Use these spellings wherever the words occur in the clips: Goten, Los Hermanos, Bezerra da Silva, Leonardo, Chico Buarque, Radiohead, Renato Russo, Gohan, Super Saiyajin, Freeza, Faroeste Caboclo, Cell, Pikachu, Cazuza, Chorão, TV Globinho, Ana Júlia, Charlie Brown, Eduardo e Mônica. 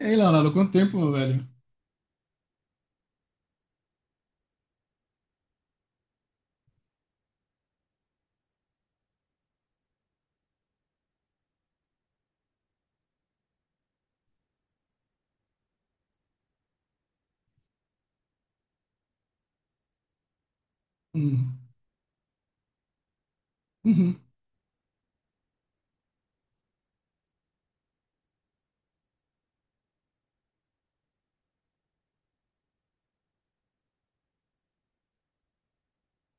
E aí, Leonardo, quanto tempo, meu velho? Hum. Uhum.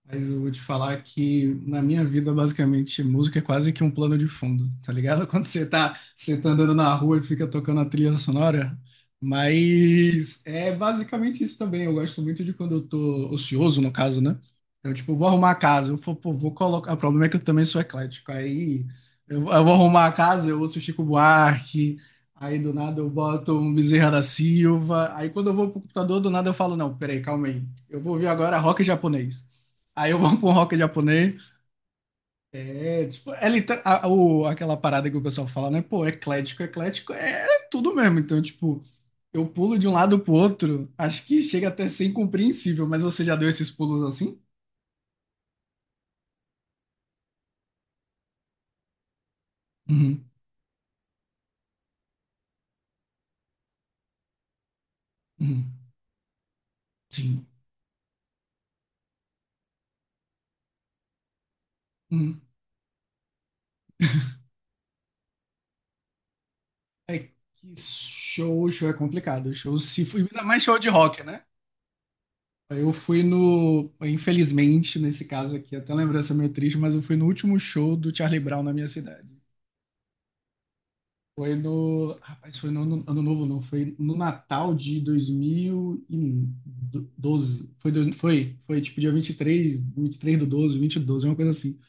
Mas eu vou te falar que na minha vida, basicamente, música é quase que um plano de fundo, tá ligado? Quando você tá andando na rua e fica tocando a trilha sonora. Mas é basicamente isso também. Eu gosto muito de quando eu tô ocioso, no caso, né? Então, tipo, eu vou arrumar a casa, eu vou, pô, vou colocar. O problema é que eu também sou eclético. Aí eu vou arrumar a casa, eu ouço Chico Buarque. Aí do nada eu boto um Bezerra da Silva. Aí quando eu vou pro computador, do nada eu falo, não, peraí, calma aí. Eu vou ouvir agora rock japonês. Aí eu vou pra um rock japonês. É, tipo, aquela parada que o pessoal fala, né? Pô, eclético, eclético é tudo mesmo. Então, tipo, eu pulo de um lado pro outro. Acho que chega até a ser incompreensível, mas você já deu esses pulos assim? Uhum, uhum, sim. Uhum. É que show, show é complicado. Show se fui, ainda mais show de rock, né? Eu fui no, infelizmente, nesse caso aqui, até lembrança meio triste, mas eu fui no último show do Charlie Brown na minha cidade. Foi no. Rapaz, foi no ano, ano novo, não. Foi no Natal de 2012. Foi tipo dia 23, três do 12 20 do 12, uma coisa assim.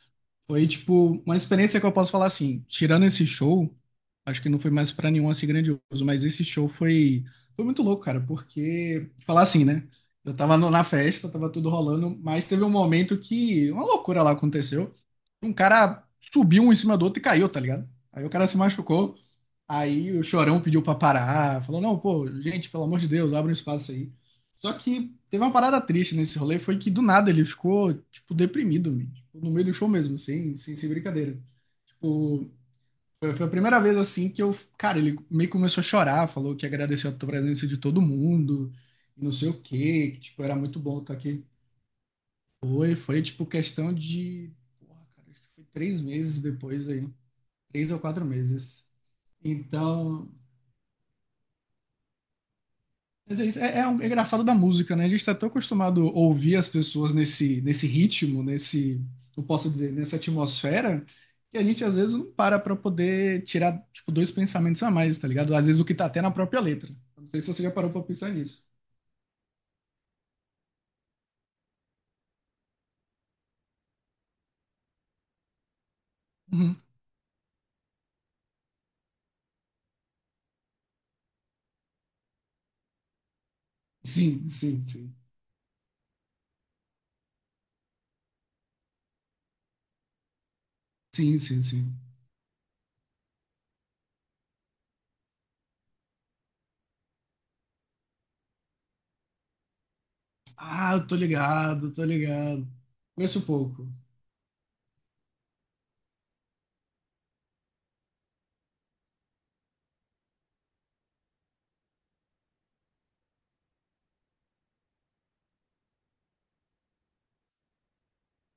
Foi, tipo, uma experiência que eu posso falar assim, tirando esse show, acho que não foi mais pra nenhum assim grandioso, mas esse show foi muito louco, cara, porque, falar assim, né? Eu tava na festa, tava tudo rolando, mas teve um momento que uma loucura lá aconteceu. Um cara subiu um em cima do outro e caiu, tá ligado? Aí o cara se machucou, aí o Chorão pediu pra parar, falou, não, pô, gente, pelo amor de Deus, abre um espaço aí. Só que teve uma parada triste nesse rolê, foi que do nada ele ficou, tipo, deprimido, man. Tipo, no meio do show mesmo, sem brincadeira. Tipo, foi a primeira vez assim que eu, cara, ele meio que começou a chorar, falou que agradeceu a presença de todo mundo, e não sei o quê, que, tipo, era muito bom estar aqui. Foi, tipo, questão de, porra, cara, acho que foi 3 meses depois aí, 3 ou 4 meses. Então. Mas é isso, é engraçado da música, né? A gente está tão acostumado a ouvir as pessoas nesse ritmo, eu posso dizer, nessa atmosfera, que a gente às vezes não para poder tirar, tipo, dois pensamentos a mais, tá ligado? Às vezes o que tá até na própria letra. Não sei se você já parou para pensar nisso. Uhum. Sim, sim, sim. Sim, sim, sim. Ah, eu tô ligado, tô ligado. Conheço pouco.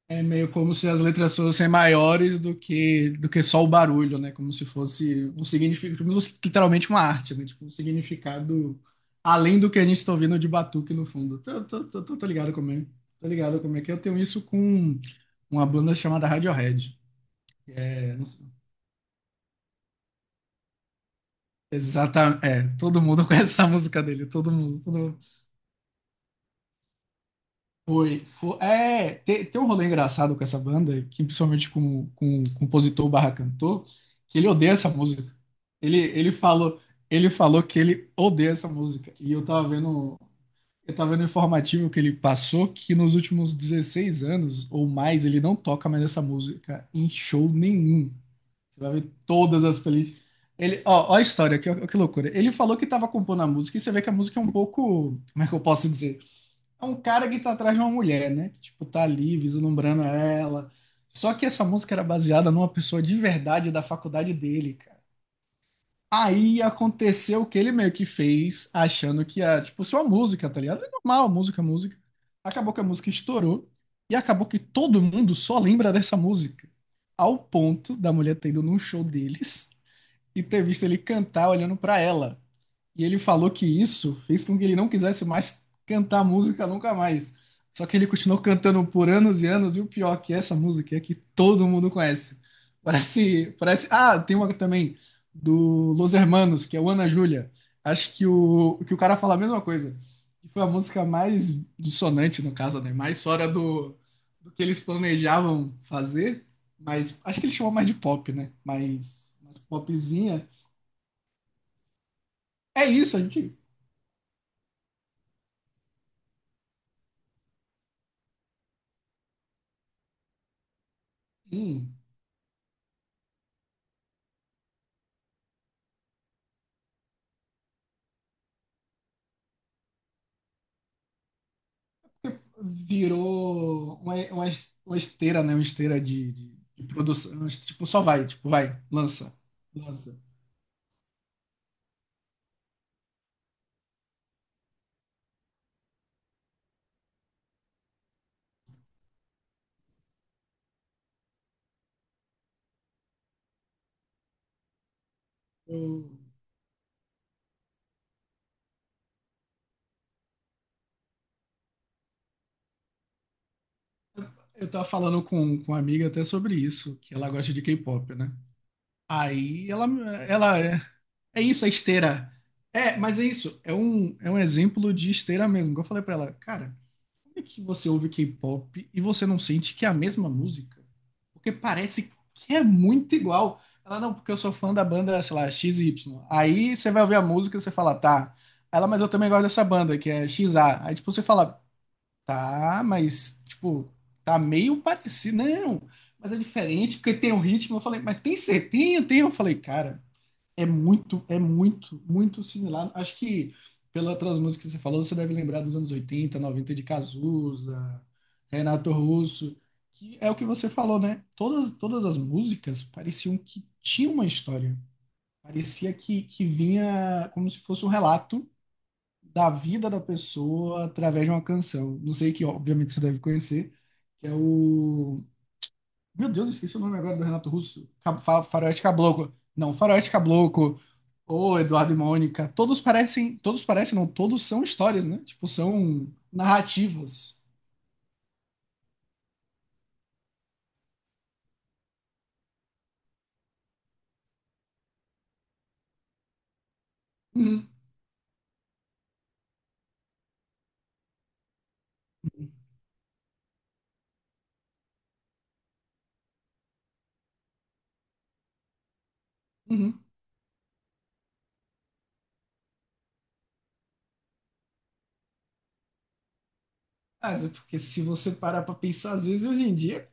É meio como se as letras fossem maiores do que só o barulho, né? Como se fosse um significado, literalmente uma arte, né? Tipo, um significado além do que a gente está ouvindo de batuque no fundo. Tô ligado como é. Tô ligado como é que eu tenho isso com uma banda chamada Radiohead. É, não sei. Exata, é, todo mundo conhece essa música dele, todo mundo. Foi, foi. É, tem um rolê engraçado com essa banda, que principalmente com o compositor barra cantor, que ele odeia essa música. Ele, ele falou, ele falou que ele odeia essa música. E eu tava vendo o informativo que ele passou que nos últimos 16 anos ou mais ele não toca mais essa música em show nenhum. Você vai ver todas as playlists. Ó, ó a história, que loucura. Ele falou que tava compondo a música e você vê que a música é um pouco, como é que eu posso dizer? É um cara que tá atrás de uma mulher, né? Tipo, tá ali vislumbrando ela. Só que essa música era baseada numa pessoa de verdade da faculdade dele, cara. Aí aconteceu o que ele meio que fez, achando que ia, tipo, só música, tá ligado? É normal, música, música. Acabou que a música estourou e acabou que todo mundo só lembra dessa música. Ao ponto da mulher ter ido num show deles e ter visto ele cantar olhando pra ela. E ele falou que isso fez com que ele não quisesse mais cantar música nunca mais. Só que ele continuou cantando por anos e anos, e o pior que essa música é que todo mundo conhece. Parece, parece. Ah, tem uma também do Los Hermanos, que é o Ana Júlia. Acho que o cara fala a mesma coisa. Que foi a música mais dissonante, no caso, né? Mais fora do que eles planejavam fazer. Mas acho que ele chamou mais de pop, né? Mais, mais popzinha. É isso, a gente. Sim, virou uma esteira, né? Uma esteira de produção. Tipo, só vai, tipo, vai, lança, lança. Eu, eu tava falando com uma amiga até sobre isso, que ela gosta de K-pop, né? Aí ela é, é isso, é esteira. É, mas é isso, é um exemplo de esteira mesmo. Que Eu falei pra ela, cara, como é que você ouve K-pop e você não sente que é a mesma música? Porque parece que é muito igual. Ela, não, porque eu sou fã da banda, sei lá, XY. Aí você vai ouvir a música e você fala, tá. Ela, mas eu também gosto dessa banda, que é XA. Aí, tipo, você fala, tá, mas, tipo, tá meio parecido. Não, mas é diferente, porque tem um ritmo. Eu falei, mas tem certinho? Tem? Eu falei, cara, é muito, muito similar. Acho que pelas músicas que você falou, você deve lembrar dos anos 80 90 de Cazuza, Renato Russo, que é o que você falou, né? Todas as músicas pareciam que tinham uma história. Parecia que vinha como se fosse um relato da vida da pessoa através de uma canção. Não sei que, obviamente, você deve conhecer, que é o meu Deus, eu esqueci o nome agora do Renato Russo. Faroeste Caboclo. Não, Faroeste Caboclo. Ou Eduardo e Mônica. Todos parecem. Todos parecem, não. Todos são histórias, né? Tipo, são narrativas. Uhum, uhum. Mas é porque se você parar pra pensar, às vezes hoje em dia,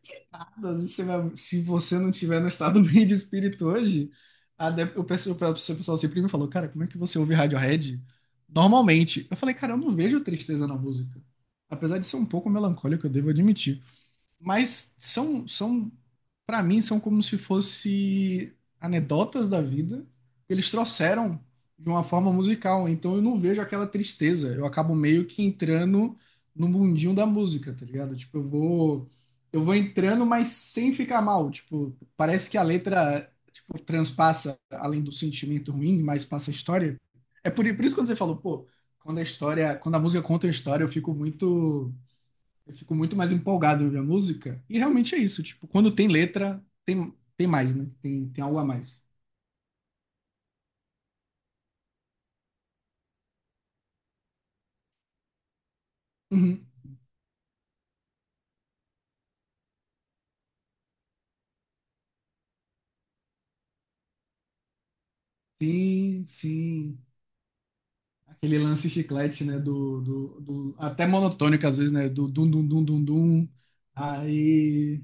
às vezes se você não tiver no estado bem de espírito hoje, a de- o pessoal sempre me falou, cara, como é que você ouve Radiohead? Normalmente. Eu falei, cara, eu não vejo tristeza na música. Apesar de ser um pouco melancólico, eu devo admitir. Mas são para mim, são como se fosse anedotas da vida que eles trouxeram de uma forma musical. Então eu não vejo aquela tristeza. Eu acabo meio que entrando no mundinho da música, tá ligado? Tipo, eu vou entrando, mas sem ficar mal. Tipo, parece que a letra tipo transpassa além do sentimento ruim, mas passa a história. É por isso que quando você falou, pô, quando a história, quando a música conta a história, eu fico muito mais empolgado de ouvir a música. E realmente é isso, tipo, quando tem letra, tem mais, né? Tem algo a mais. Uhum. Sim, sim. Aquele lance chiclete, né? Até monotônico às vezes, né? Do dum dum dum dum dum. Aí.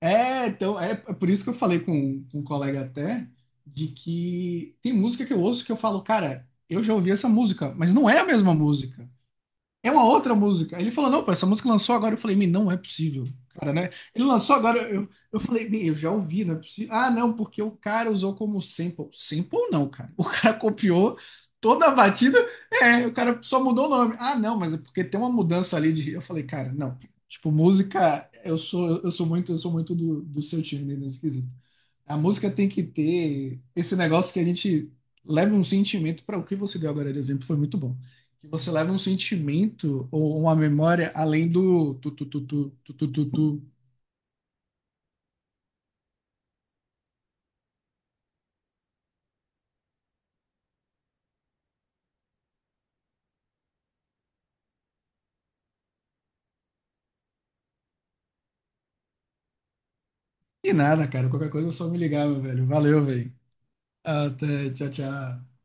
É, então, é por isso que eu falei com um colega até, de que tem música que eu ouço que eu falo, cara, eu já ouvi essa música, mas não é a mesma música. É uma outra música. Aí ele falou, não, pô, essa música lançou agora. Eu falei, "Mi, não é possível, cara, né? Ele lançou agora, eu falei, "Mi, eu já ouvi, não é possível. Ah, não, porque o cara usou como sample. Sample não, cara. O cara copiou toda a batida, é, o cara só mudou o nome. Ah, não, mas é porque tem uma mudança ali de. Eu falei, cara, não. Tipo, música, eu sou muito do seu time né, nesse quesito. A música tem que ter esse negócio que a gente leva um sentimento para o que você deu agora de exemplo, foi muito bom. Que você leva um sentimento ou uma memória além do tu tu tu tu tu tu tu. Tu. E nada, cara. Qualquer coisa é só me ligar, meu velho. Valeu, velho. Até, tchau, tchau.